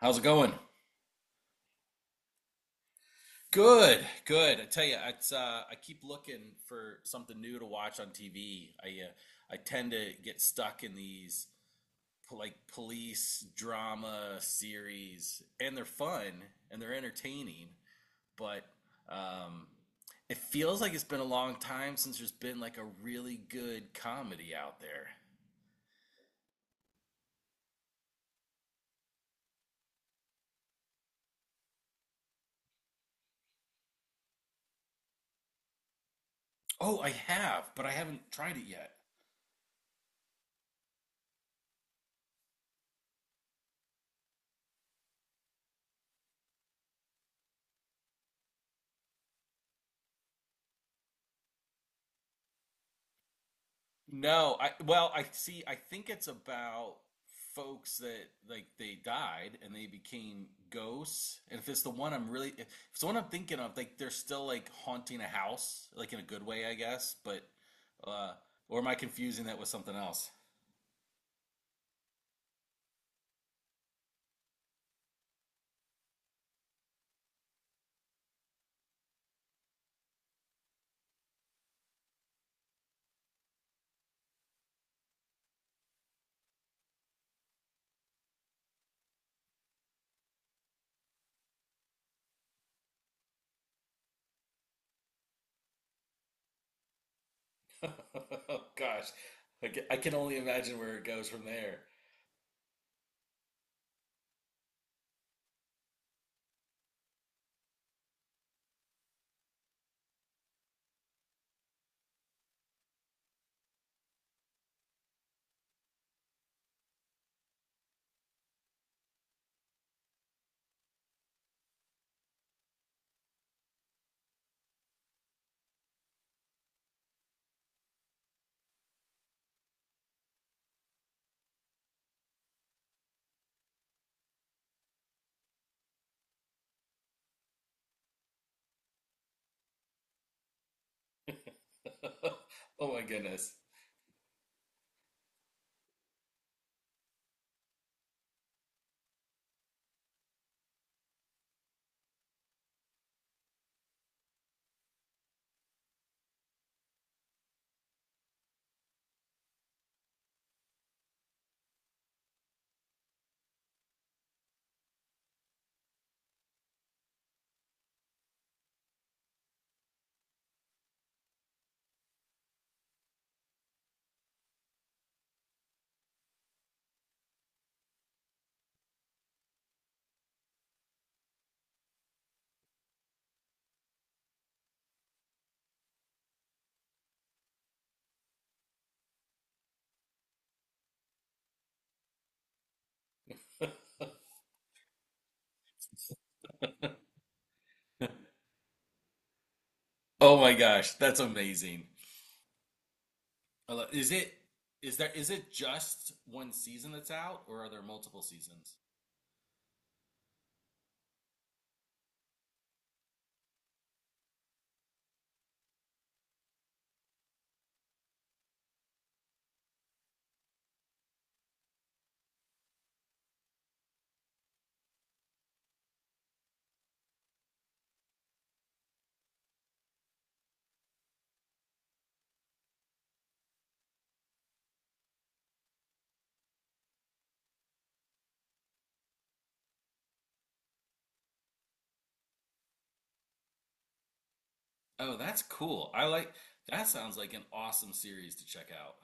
How's it going? Good, good. I tell you, it's I keep looking for something new to watch on TV. I tend to get stuck in these like police drama series, and they're fun and they're entertaining, but um, it feels like it's been a long time since there's been like a really good comedy out there. Oh, I have, but I haven't tried it yet. No, I well, I see. I think it's about folks that like they died and they became ghosts. And if it's the one I'm really, if it's the one I'm thinking of, like they're still like haunting a house, like in a good way, I guess. But uh, or am I confusing that with something else? Oh gosh, I can only imagine where it goes from there. Oh my goodness. Oh my gosh, that's amazing. Is it is there is it just one season that's out or are there multiple seasons? Oh, that's cool. I like that sounds like an awesome series to check out.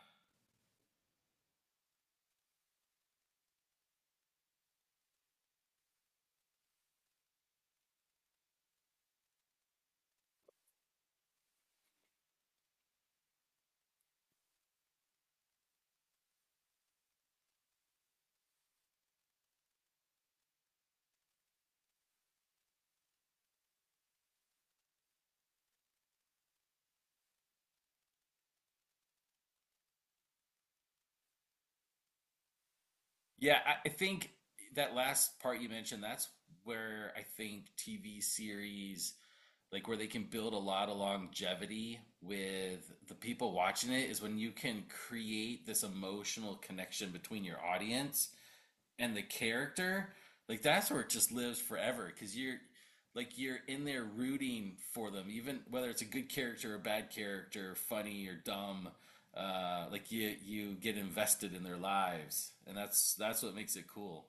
Yeah, I think that last part you mentioned, that's where I think TV series like where they can build a lot of longevity with the people watching it is when you can create this emotional connection between your audience and the character, like that's where it just lives forever because you're in there rooting for them, even whether it's a good character or a bad character, funny or dumb. Like you get invested in their lives, and that's what makes it cool.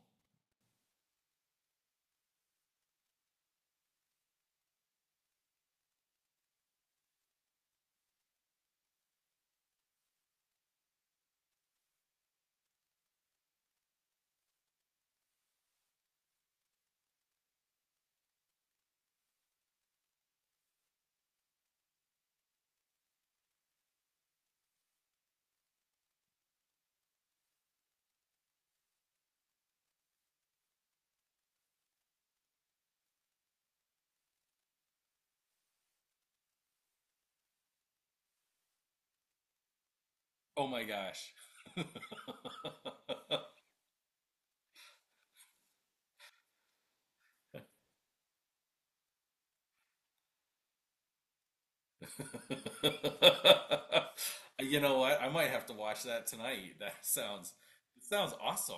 Oh my gosh. You know what? I might have to watch that tonight. That sounds it sounds awesome.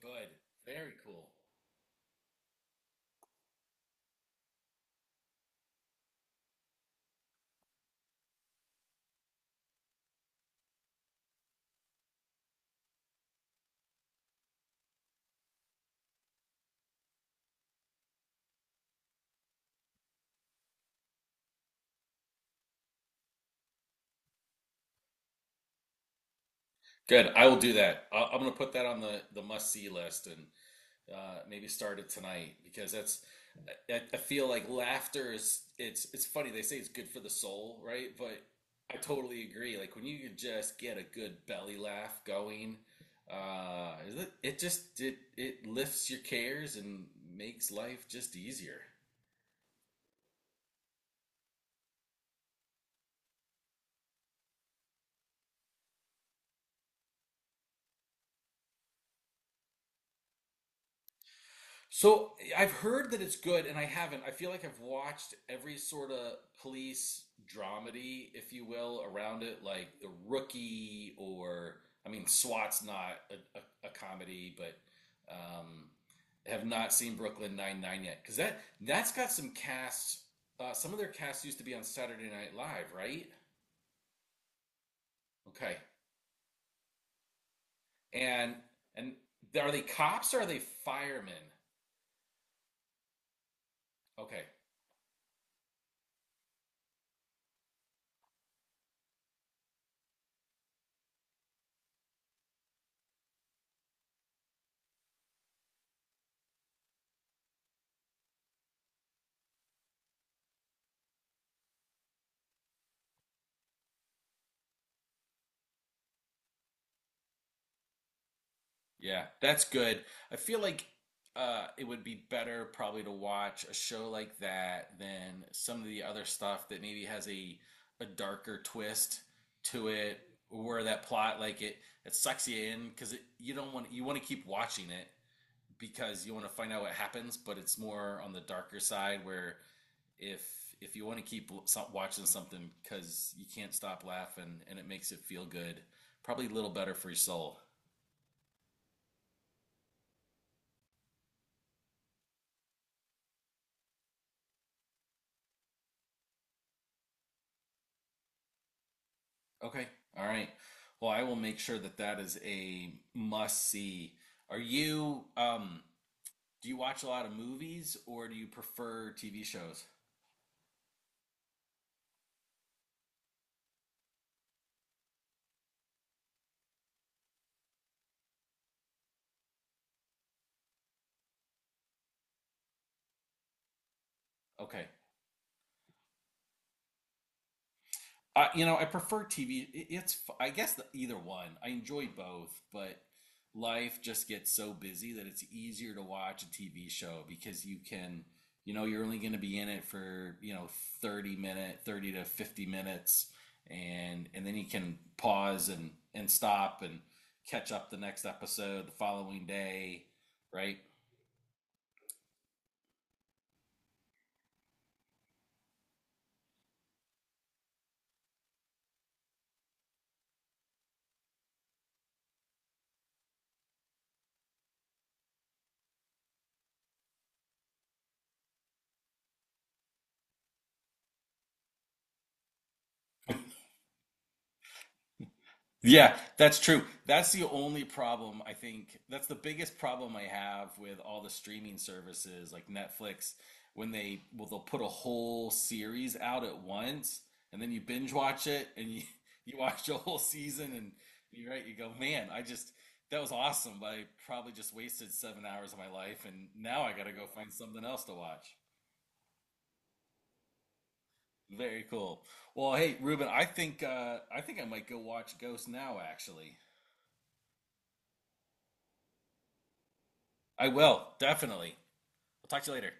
Good. Very cool. Good. I will do that. I'm gonna put that on the must see list and maybe start it tonight because that's I feel like laughter is it's funny they say it's good for the soul, right? But I totally agree, like when you can just get a good belly laugh going, it, it just it it lifts your cares and makes life just easier. So I've heard that it's good, and I haven't. I feel like I've watched every sort of police dramedy, if you will, around it, like The Rookie, or I mean, SWAT's not a comedy, but um, have not seen Brooklyn Nine Nine yet because that's got some casts. Some of their casts used to be on Saturday Night Live, right? Okay, and and are they cops or are they firemen? Okay. Yeah, that's good. I feel like it would be better probably to watch a show like that than some of the other stuff that maybe has a darker twist to it, where that plot it sucks you in because you don't want you want to keep watching it because you want to find out what happens, but it's more on the darker side where if if you want to keep watching something because you can't stop laughing and it makes it feel good, probably a little better for your soul. Okay. All right. Well, I will make sure that that is a must see. Are you, do you watch a lot of movies or do you prefer TV shows? Okay. You know, I prefer TV. It's, I guess, either one. I enjoy both, but life just gets so busy that it's easier to watch a TV show because you can, you know, you're only going to be in it for, you know, 30 to 50 minutes, and then you can pause and stop and catch up the next episode the following day, right? Yeah, that's true. That's the only problem I think. That's the biggest problem I have with all the streaming services like Netflix when they well they'll put a whole series out at once and then you binge watch it and you you watch the whole season and you're right, you go, "Man, I just that was awesome, but I probably just wasted 7 hours of my life and now I got to go find something else to watch." Very cool. Well, hey, Ruben, I think I might go watch Ghost now actually. I will, definitely. We'll talk to you later.